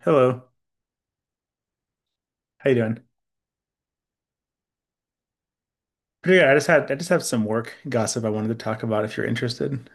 Hello. How you doing? Pretty good. I just have some work gossip I wanted to talk about if you're interested.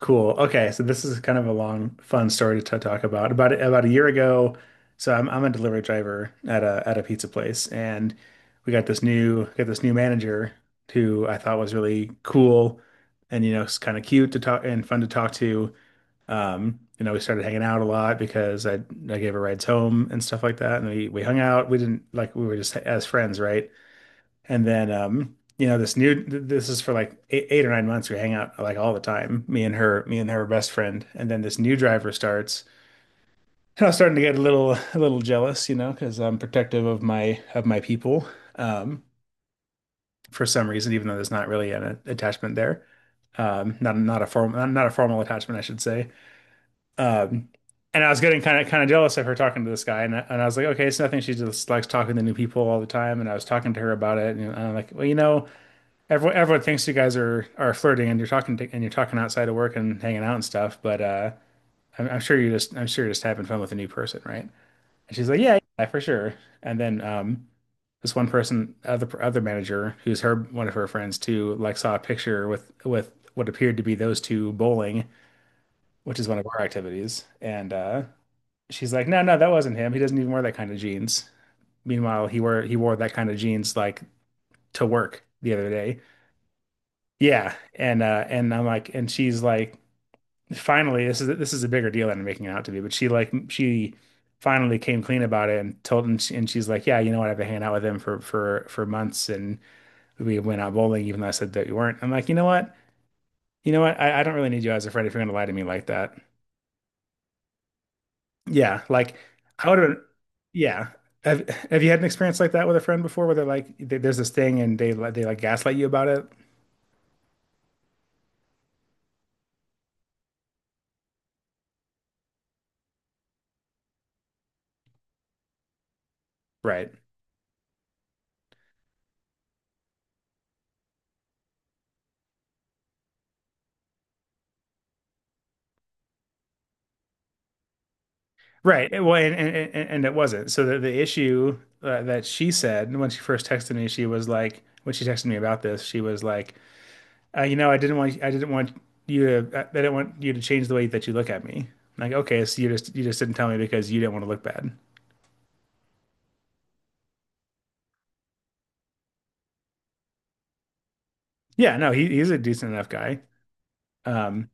Cool. Okay, so this is kind of a long, fun story to talk about. About a year ago, so I'm a delivery driver at a pizza place, and we got this new manager who I thought was really cool, and you know, it's kind of cute to talk and fun to talk to. We started hanging out a lot because I gave her rides home and stuff like that, and we hung out. We didn't like we were just as friends, right? And then, this is for like 8 or 9 months. We hang out like all the time, me and her best friend. And then this new driver starts, and I was starting to get a little jealous, you know, because I'm protective of my people, um, for some reason, even though there's not really an attachment there. Not a formal attachment, I should say. Um, and I was getting kind of jealous of her talking to this guy. And I was like, okay, it's nothing. She just likes talking to new people all the time. And I was talking to her about it. And I'm like, well, everyone thinks you guys are flirting and and you're talking outside of work and hanging out and stuff, but I'm sure you're just having fun with a new person, right? And she's like, yeah, yeah, for sure. And then this one person, other manager, who's her one of her friends too, like saw a picture with what appeared to be those two bowling, which is one of our activities, and she's like, no, no, that wasn't him. He doesn't even wear that kind of jeans. Meanwhile, he wore that kind of jeans like to work the other day. Yeah, and I'm like and she's like, finally this is a bigger deal than I'm making it out to be, but she finally came clean about it and she's like, "Yeah, you know what? I've been hanging out with him for months and we went out bowling even though I said that you weren't." I'm like, "You know what? You know what? I don't really need you as a friend if you're going to lie to me like that." Yeah, like I would have yeah. Have you had an experience like that with a friend before where they're like there's this thing and they like gaslight you about it? Right. Right. Well, and it wasn't. So the issue that she said when she texted me about this, she was like, uh, you know, I didn't want, I didn't want I didn't want you to change the way that you look at me. I'm like, okay, so you just didn't tell me because you didn't want to look bad. Yeah, no, he's a decent enough guy. Um,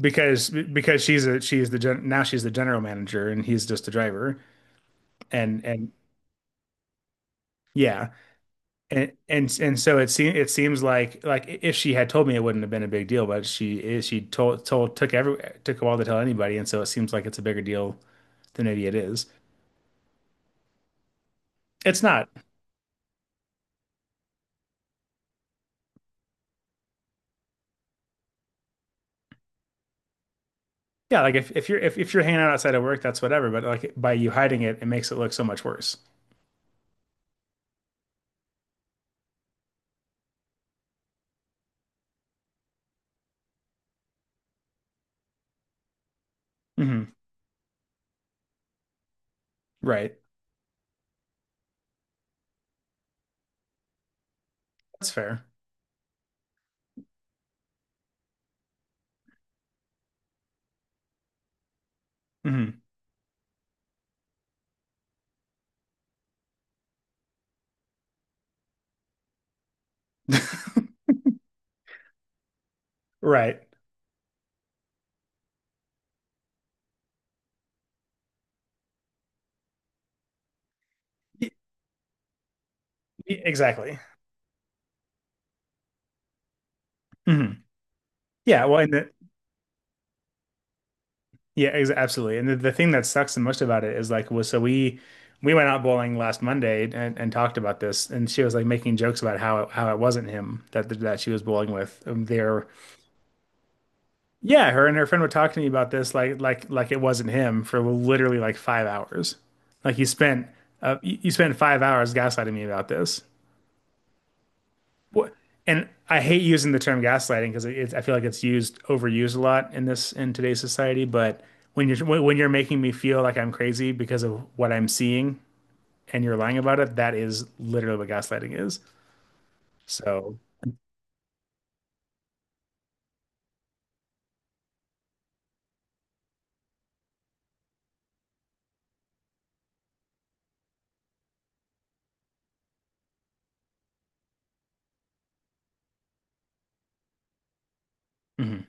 because she's a, she's the gen, now she's the general manager and he's just the driver. And yeah, and so it seems like if she had told me it wouldn't have been a big deal, but she is she told told took every took a while to tell anybody, and so it seems like it's a bigger deal than maybe it is. It's not. Yeah, like if you're hanging out outside of work, that's whatever. But like by you hiding it, it makes it look so much worse. Hmm. Right. That's fair. Hmm. Right. Y- Exactly. Hmm. Yeah. Well, yeah, ex absolutely. And the thing that sucks the most about it is like, was so we went out bowling last Monday and, talked about this, and she was like making jokes about how it wasn't him that she was bowling with. They're yeah, her and her friend were talking to me about this like like it wasn't him for literally like 5 hours. Like you spent 5 hours gaslighting me about this. What? And I hate using the term gaslighting because it's I feel like it's used overused a lot in this in today's society. But when you're when you're making me feel like I'm crazy because of what I'm seeing and you're lying about it, that is literally what gaslighting is. So. Mhm.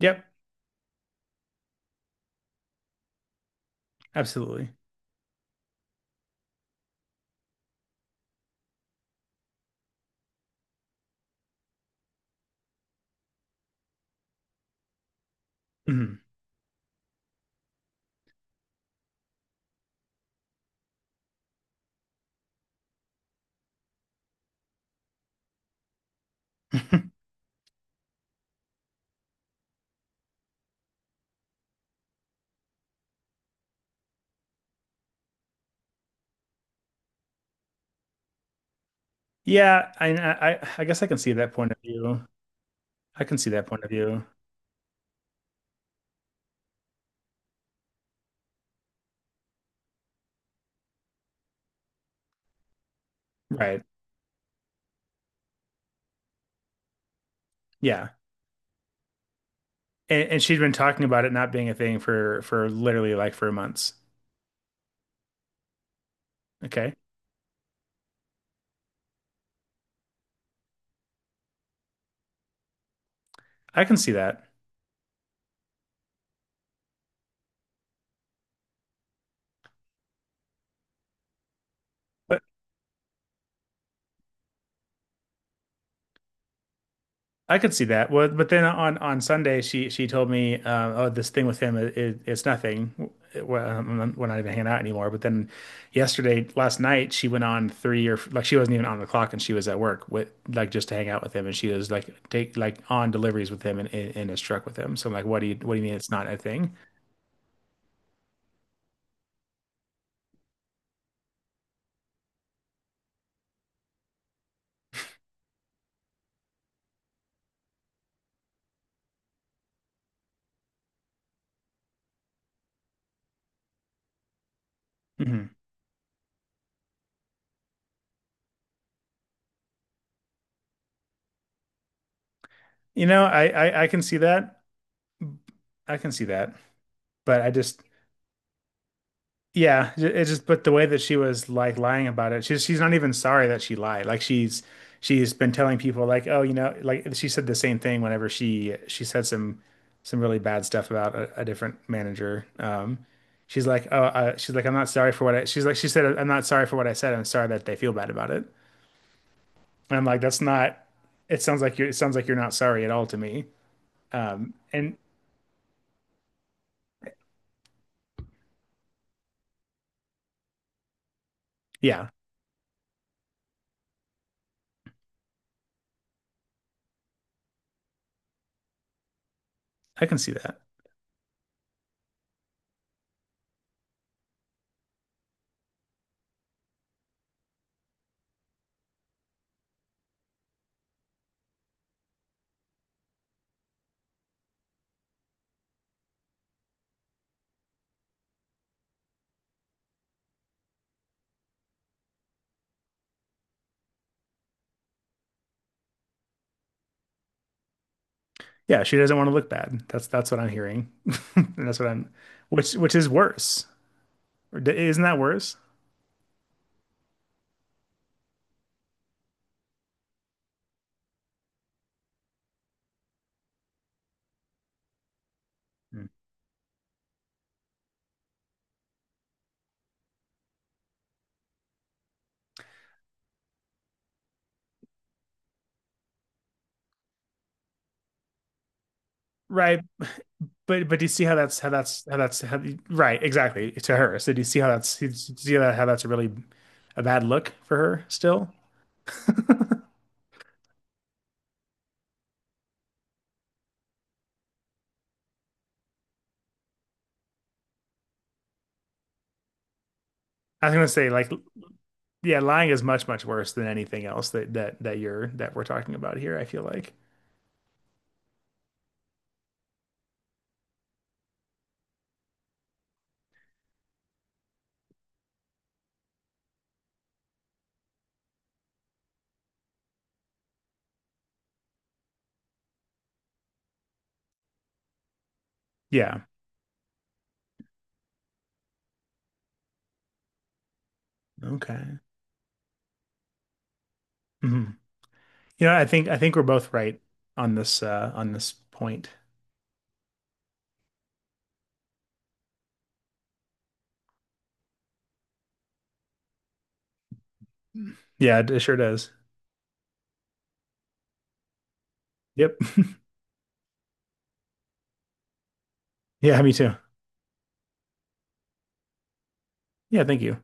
Yep, absolutely. Mhm. Yeah, I guess I can see that point of view. I can see that point of view. Right. Yeah. And she has been talking about it not being a thing for literally like for months. Okay. I can see that. I could see that. Well, but then on Sunday, she told me, "Oh, this thing with him, it's nothing. We're not even hanging out anymore." But then yesterday, last night, she went on three or like she wasn't even on the clock, and she was at work with like just to hang out with him, and she was like take like on deliveries with him and in his truck with him. So I'm like, "What do you mean it's not a thing?" Hmm. I can see that. I can see that. But I just. Yeah, it just but the way that she was like lying about it, she's not even sorry that she lied. Like she's been telling people like, oh, like she said the same thing whenever she said some really bad stuff about a different manager. She's like, oh, she's like, "I'm not sorry for what I." She said, "I'm not sorry for what I said. I'm sorry that they feel bad about it." And I'm like, "That's not." It sounds like you're not sorry at all to me. And yeah, I can see that. Yeah, she doesn't want to look bad. That's what I'm hearing. And that's what I'm, which is worse. Or isn't that worse? Mm. Right. But do you see how that's how, right, exactly, to her. So do you see that how that's a really a bad look for her still? I was gonna say like yeah, lying is much, much worse than anything else that we're talking about here, I feel like. Yeah. Okay. Hmm. I think we're both right on this point. Yeah, it sure does. Yep. Yeah, me too. Yeah, thank you.